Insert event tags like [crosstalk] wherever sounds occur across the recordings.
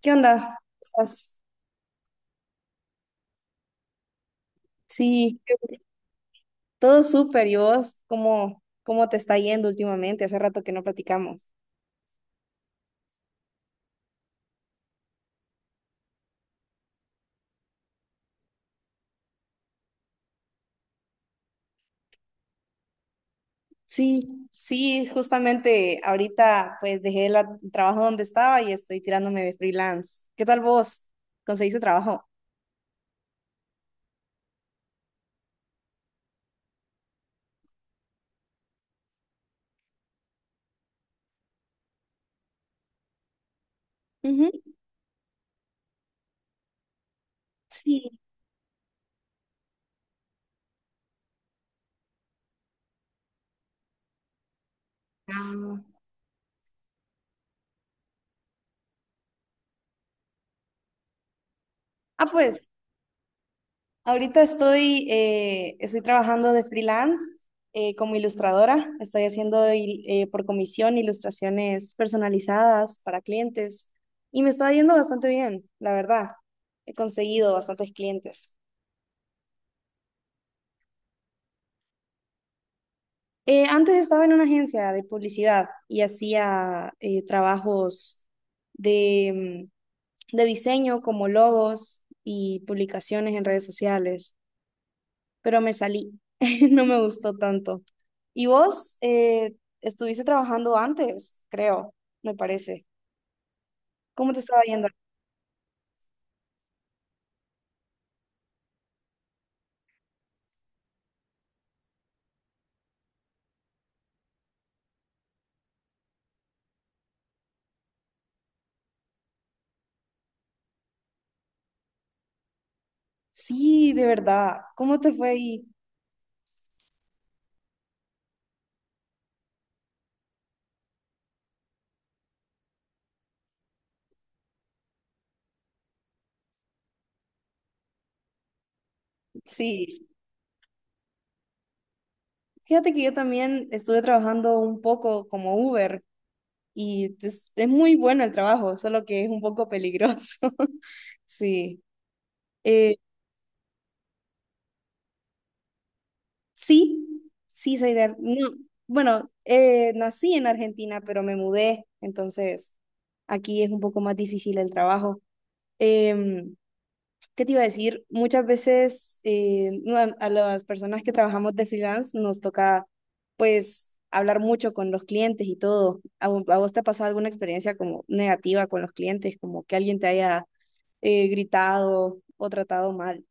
¿Qué onda? ¿Estás? Sí, todo súper. ¿Y vos cómo, cómo te está yendo últimamente? Hace rato que no platicamos. Sí, justamente ahorita pues dejé el trabajo donde estaba y estoy tirándome de freelance. ¿Qué tal vos? ¿Conseguiste trabajo? Ujú. Sí. Ah. Ah, pues ahorita estoy, estoy trabajando de freelance como ilustradora. Estoy haciendo por comisión ilustraciones personalizadas para clientes y me está yendo bastante bien, la verdad. He conseguido bastantes clientes. Antes estaba en una agencia de publicidad y hacía trabajos de, de diseño como logos y publicaciones en redes sociales, pero me salí, [laughs] no me gustó tanto. Y vos estuviste trabajando antes, creo, me parece. ¿Cómo te estaba yendo? Sí, de verdad. ¿Cómo te fue ahí? Sí. Fíjate que yo también estuve trabajando un poco como Uber y es muy bueno el trabajo, solo que es un poco peligroso. [laughs] Sí. eh, Sí, sí, soy de... No, bueno, nací en Argentina, pero me mudé, entonces aquí es un poco más difícil el trabajo. Em, ¿Qué te iba a decir? Muchas veces no, a las personas que trabajamos de freelance nos toca, pues, hablar mucho con los clientes y todo. ¿A, a vos te ha pasado alguna experiencia como negativa con los clientes, como que alguien te haya gritado o tratado mal?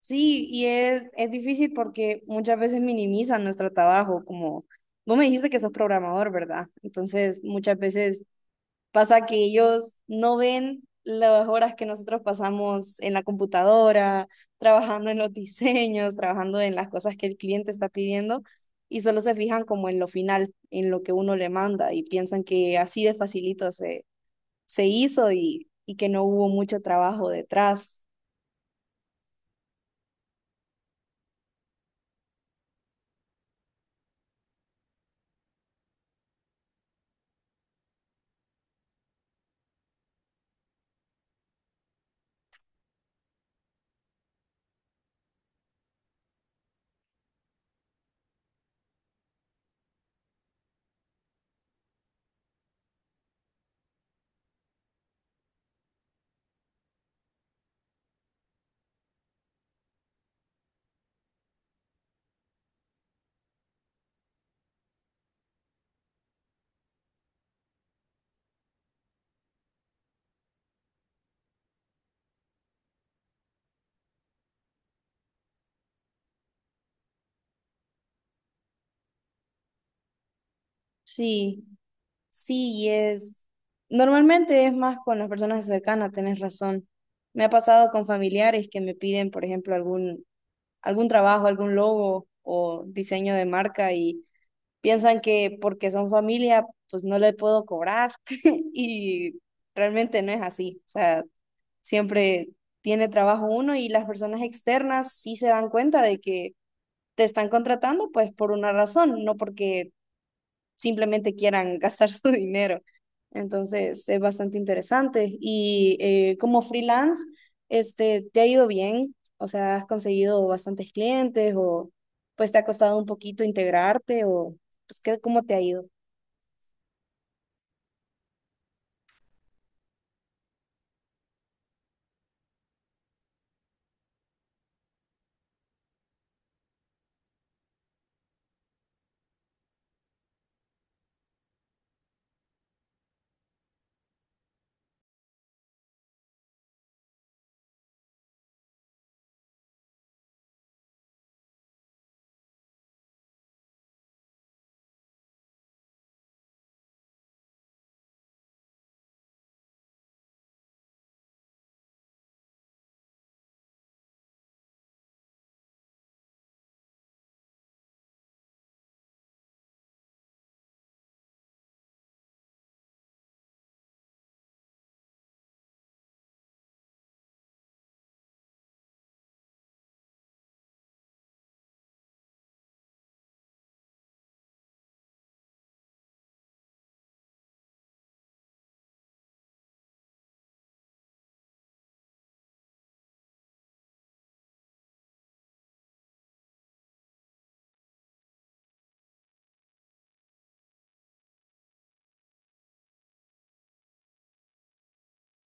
Sí, y es difícil porque muchas veces minimizan nuestro trabajo, como vos me dijiste que sos programador, ¿verdad? Entonces, muchas veces pasa que ellos no ven las horas que nosotros pasamos en la computadora, trabajando en los diseños, trabajando en las cosas que el cliente está pidiendo, y solo se fijan como en lo final, en lo que uno le manda, y piensan que así de facilito se hizo y que no hubo mucho trabajo detrás. Sí. Sí, y es. Normalmente es más con las personas cercanas, tenés razón. Me ha pasado con familiares que me piden, por ejemplo, algún trabajo, algún logo o diseño de marca y piensan que porque son familia, pues no le puedo cobrar. [laughs] Y realmente no es así. O sea, siempre tiene trabajo uno y las personas externas sí se dan cuenta de que te están contratando, pues por una razón, no porque simplemente quieran gastar su dinero. Entonces, es bastante interesante. Y como freelance, este, ¿te ha ido bien? O sea, ¿has conseguido bastantes clientes o pues te ha costado un poquito integrarte o pues, ¿qué, cómo te ha ido?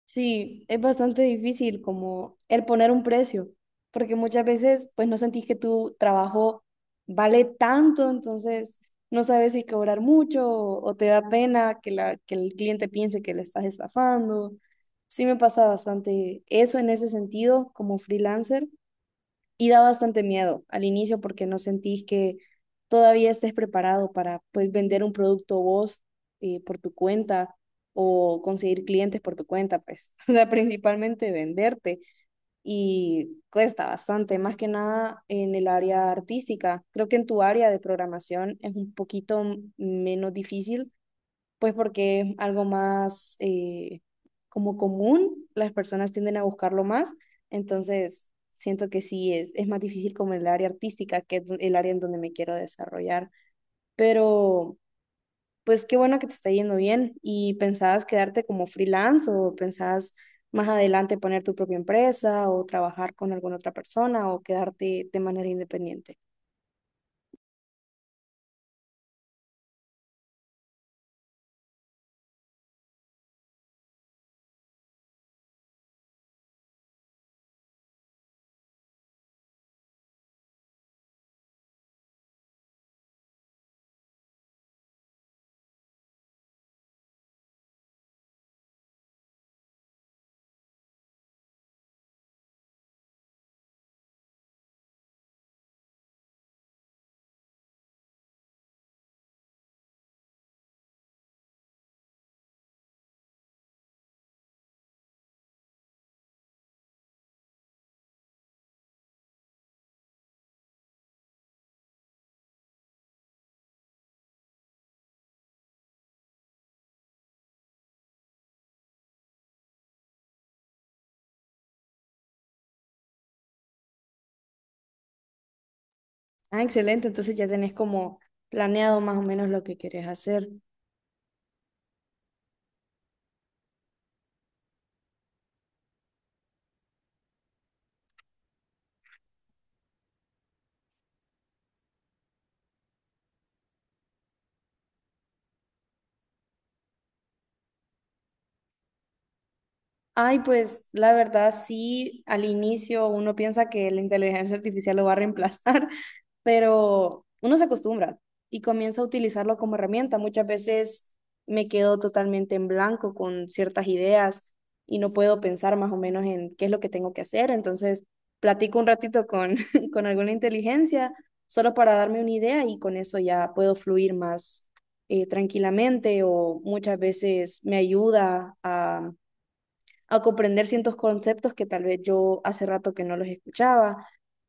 Sí, es bastante difícil como el poner un precio, porque muchas veces pues no sentís que tu trabajo vale tanto, entonces no sabes si cobrar mucho o te da pena que el cliente piense que le estás estafando. Sí me pasa bastante eso en ese sentido como freelancer, y da bastante miedo al inicio porque no sentís que todavía estés preparado para pues, vender un producto vos por tu cuenta o conseguir clientes por tu cuenta, pues, [laughs] o sea, principalmente venderte y cuesta bastante, más que nada en el área artística. Creo que en tu área de programación es un poquito menos difícil pues porque es algo más como común, las personas tienden a buscarlo más, entonces siento que sí es más difícil como el área artística, que es el área en donde me quiero desarrollar, pero pues qué bueno que te está yendo bien y pensabas quedarte como freelance o pensabas más adelante poner tu propia empresa o trabajar con alguna otra persona o quedarte de manera independiente. Ah, excelente. Entonces ya tenés como planeado más o menos lo que querés hacer. Ay, pues la verdad sí, al inicio uno piensa que la inteligencia artificial lo va a reemplazar, [laughs] pero uno se acostumbra y comienza a utilizarlo como herramienta. Muchas veces me quedo totalmente en blanco con ciertas ideas y no puedo pensar más o menos en qué es lo que tengo que hacer. Entonces, platico un ratito con, [laughs] con alguna inteligencia solo para darme una idea y con eso ya puedo fluir más tranquilamente o muchas veces me ayuda a comprender ciertos conceptos que tal vez yo hace rato que no los escuchaba.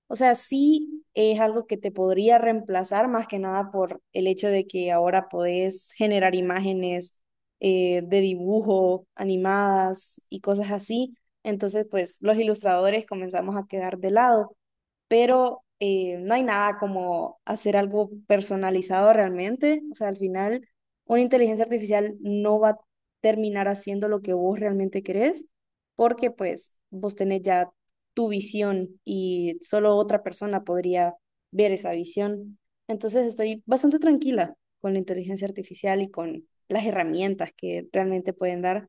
O sea, sí es algo que te podría reemplazar más que nada por el hecho de que ahora podés generar imágenes de dibujo, animadas y cosas así. Entonces, pues los ilustradores comenzamos a quedar de lado, pero no hay nada como hacer algo personalizado realmente. O sea, al final, una inteligencia artificial no va a terminar haciendo lo que vos realmente querés, porque pues vos tenés ya tu visión y solo otra persona podría ver esa visión. Entonces estoy bastante tranquila con la inteligencia artificial y con las herramientas que realmente pueden dar.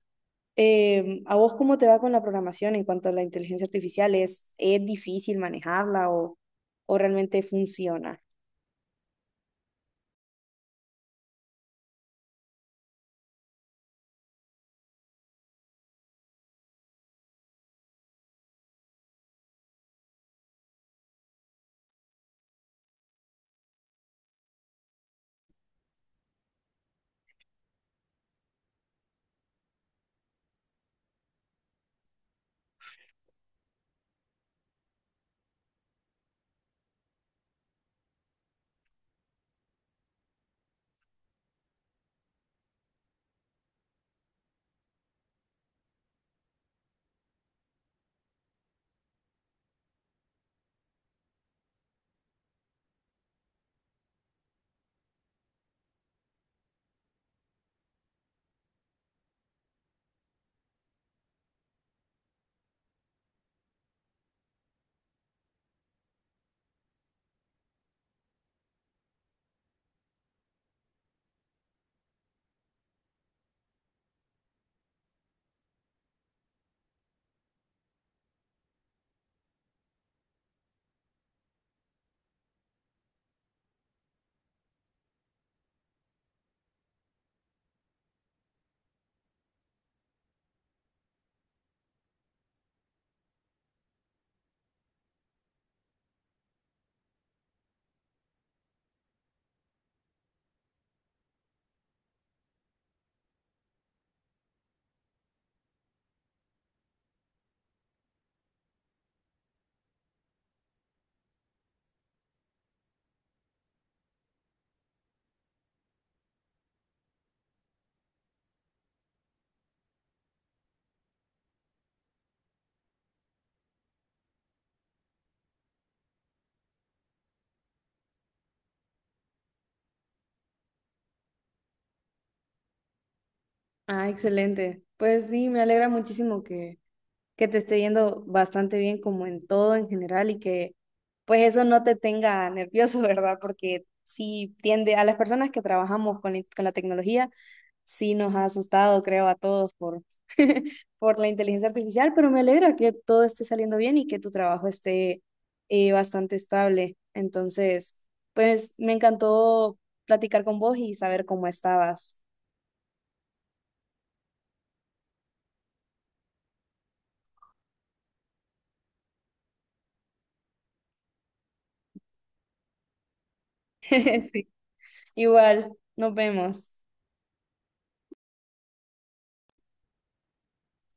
¿A vos cómo te va con la programación en cuanto a la inteligencia artificial? Es difícil manejarla o realmente funciona? Ah, excelente. Pues sí, me alegra muchísimo que te esté yendo bastante bien como en todo en general y que pues eso no te tenga nervioso, [laughs] ¿verdad? Porque sí tiende a las personas que trabajamos con la tecnología, sí nos ha asustado, creo, a todos por, [laughs] por la inteligencia artificial, pero me alegra que todo esté saliendo bien y que tu trabajo esté bastante estable. Entonces, pues me encantó platicar con vos y saber cómo estabas. [laughs] Sí. Igual, nos vemos.